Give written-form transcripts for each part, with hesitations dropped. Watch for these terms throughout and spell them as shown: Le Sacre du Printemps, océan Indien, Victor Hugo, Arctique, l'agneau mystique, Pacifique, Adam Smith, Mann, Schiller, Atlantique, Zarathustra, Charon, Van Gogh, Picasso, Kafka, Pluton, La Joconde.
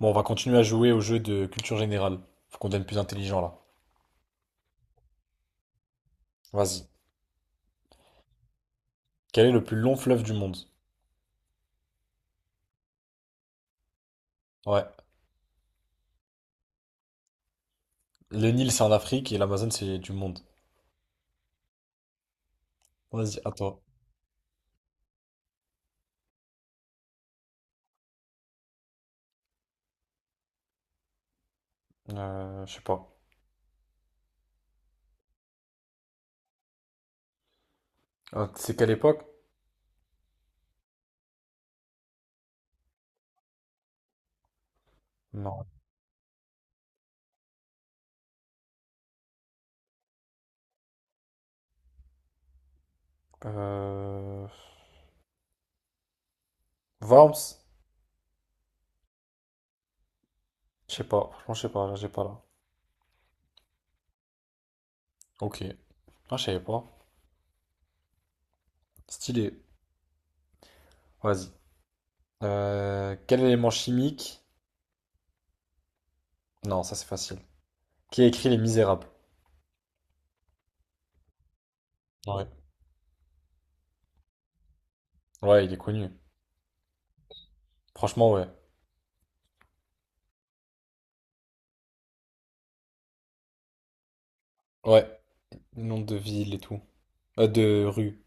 Bon, on va continuer à jouer au jeu de culture générale. Faut qu'on devienne plus intelligent là. Vas-y. Quel est le plus long fleuve du monde? Ouais. Le Nil, c'est en Afrique et l'Amazone, c'est du monde. Vas-y, à toi. Je sais pas. C'est quelle époque? Non. Euh... Worms? Je sais pas. Franchement, je sais pas. Là, j'ai pas là. Ok. Ah, je savais pas. Stylé. Vas-y. Quel élément chimique? Non, ça c'est facile. Qui a écrit Les Misérables? Ouais. Ouais, il est connu. Franchement, ouais. Ouais. Nom de ville et tout. De rue.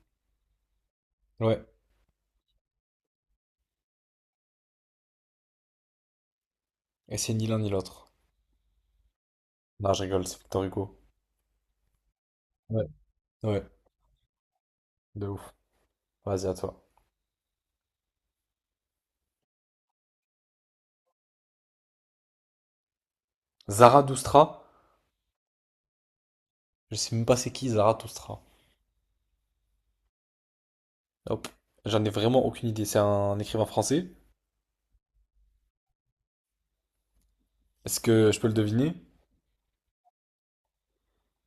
Ouais. Et c'est ni l'un ni l'autre. Non, je rigole, c'est Victor Hugo. Ouais. Ouais, de ouf. Vas-y, à toi. Zarathustra, je sais même pas c'est qui Zarathustra. Hop. J'en ai vraiment aucune idée. C'est un écrivain français. Est-ce que je peux le deviner?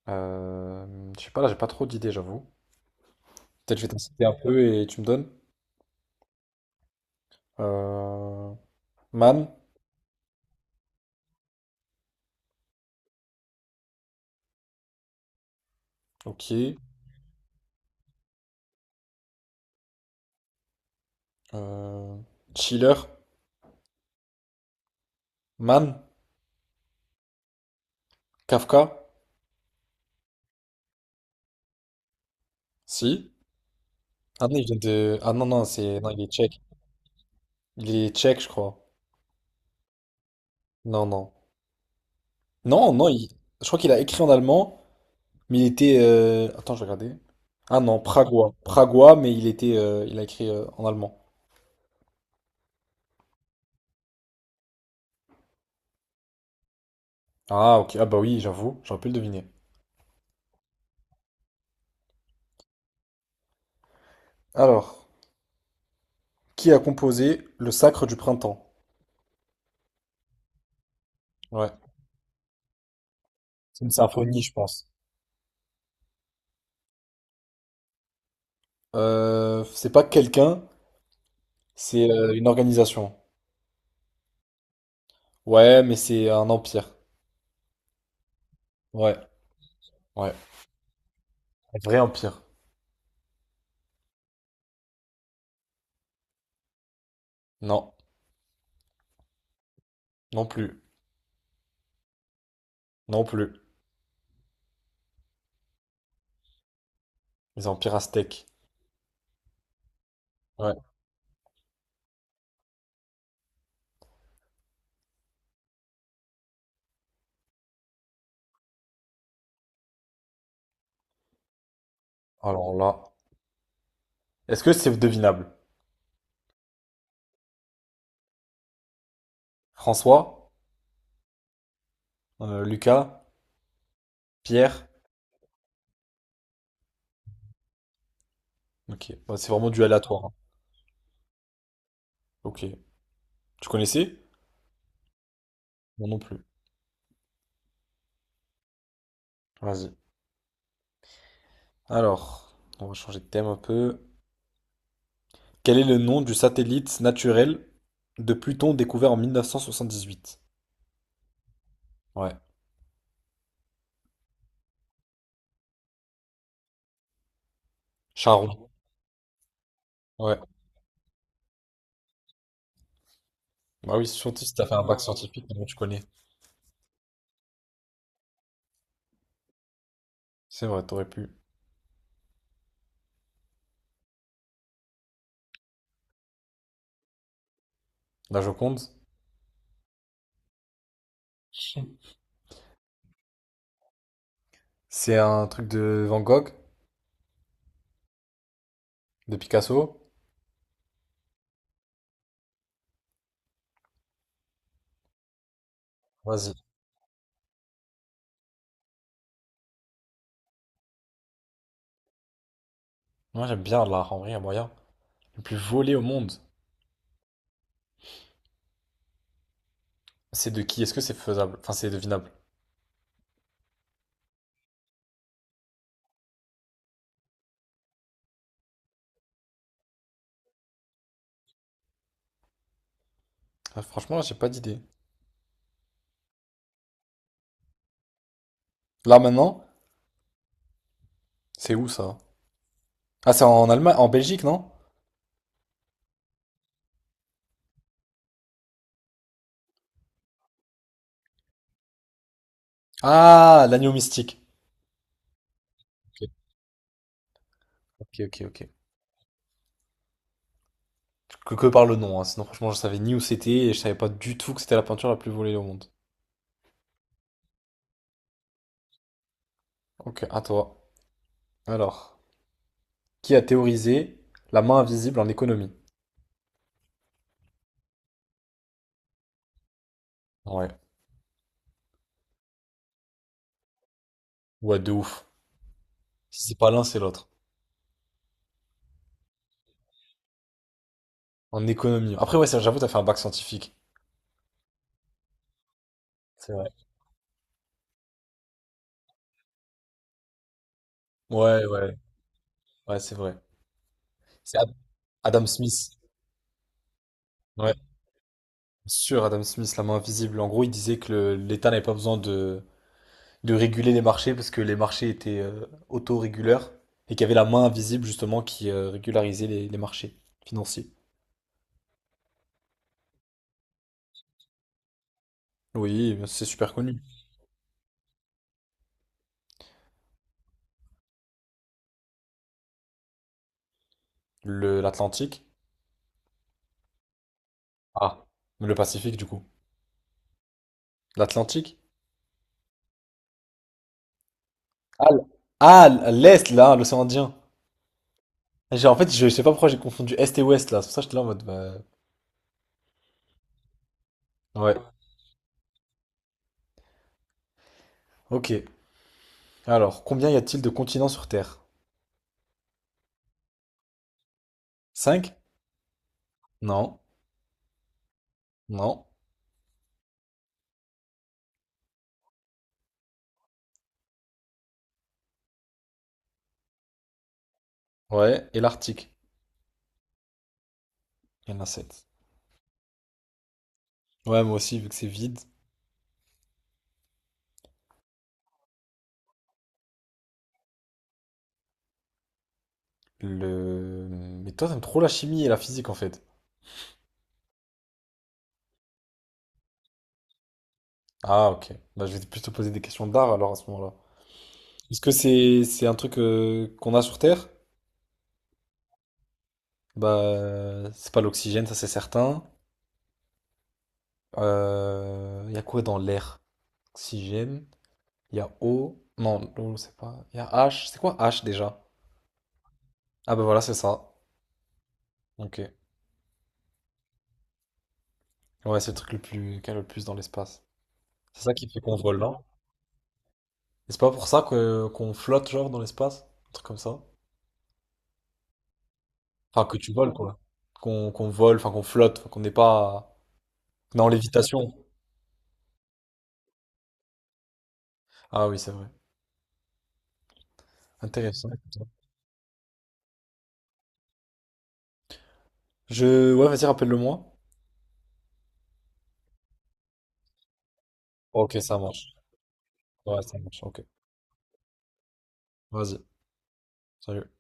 Euh, je sais pas, là, j'ai pas trop d'idées, j'avoue. Peut-être je vais t'en citer un peu et tu me donnes. Euh, Mann, ok. Euh, Schiller, Mann, Kafka, si. Ah non, il vient de... Ah non, non, c'est... Non, il est tchèque. Il est tchèque, je crois. Non, non. Non, non, je crois qu'il a écrit en allemand, mais il était... Attends, je vais regarder. Ah non, pragois. Pragois, mais il était, il a écrit en allemand. Ah ok, ah bah oui, j'avoue, j'aurais pu le deviner. Alors, qui a composé Le Sacre du Printemps? Ouais, c'est une symphonie, je pense. C'est pas quelqu'un, c'est une organisation. Ouais, mais c'est un empire. Ouais, ouais. Un vrai empire. Non, non plus, non plus. Les empires aztèques. Ouais, alors là. Est-ce que c'est devinable? François? Lucas, Pierre. Ok, bah, c'est vraiment du aléatoire, hein. Ok, tu connaissais? Moi non plus. Vas-y. Alors, on va changer de thème un peu. Quel est le nom du satellite naturel de Pluton découvert en 1978? Ouais, Charon. Ouais. Bah oui, c'est surtout si t'as fait un bac scientifique, maintenant tu connais. C'est vrai, t'aurais pu. La Joconde? C'est un truc de Van Gogh, de Picasso. Vas-y. Moi j'aime bien l'art, en vrai, il y a moyen. Le plus volé au monde. C'est de qui? Est-ce que c'est faisable? Enfin, c'est devinable. Ah, franchement, là, j'ai pas d'idée. Là, maintenant, c'est où ça? Ah, c'est en Allemagne, en Belgique, non? Ah, l'agneau mystique. Ok, ok, ok, ok. Que par le nom, hein. Sinon, franchement, je savais ni où c'était et je savais pas du tout que c'était la peinture la plus volée au monde. Ok, à toi. Alors, qui a théorisé la main invisible en économie? Ouais, ouais, de ouf. Si c'est pas l'un, c'est l'autre. En économie. Après, ouais, ça, j'avoue, t'as fait un bac scientifique. C'est vrai. Ouais, ouais, ouais, c'est vrai. C'est Adam Smith. Ouais. Sur Adam Smith, la main invisible, en gros, il disait que l'État n'avait pas besoin de réguler les marchés parce que les marchés étaient autoréguleurs et qu'il y avait la main invisible justement qui régularisait les marchés financiers. Oui, c'est super connu. L'Atlantique. Ah, le Pacifique du coup. L'Atlantique. Ah, ah, l'Est là, l'océan Indien. En fait, je sais pas pourquoi j'ai confondu Est et Ouest là. C'est pour ça que j'étais là en mode, bah. Ouais. Ok. Alors, combien y a-t-il de continents sur Terre? Cinq. Non. Non. Ouais. Et l'Arctique? Il y en a 7. Ouais, moi aussi, vu que c'est vide. Le... Mais toi, t'aimes trop la chimie et la physique en fait. Ah, ok. Bah, je vais plus te poser des questions d'art alors à ce moment-là. Est-ce que c'est un truc qu'on a sur Terre? Bah, c'est pas l'oxygène, ça c'est certain. Il y a quoi dans l'air? Oxygène, il y a eau. Non, l'eau, c'est pas. Il y a H. C'est quoi H déjà? Ah, bah voilà, c'est ça. Ok. Ouais, c'est le truc le plus... qu'il y a le plus dans l'espace. C'est ça qui fait qu'on vole, non? Et c'est pas pour ça que qu'on flotte, genre, dans l'espace? Un truc comme ça? Enfin, que tu voles, quoi. Qu'on vole, enfin qu'on flotte, enfin, qu'on n'est pas... qu'on en lévitation. Ah oui, c'est vrai. Intéressant. Je... Ouais, vas-y, rappelle-le-moi. Ok, ça marche. Ouais, ça marche, ok. Vas-y, salut.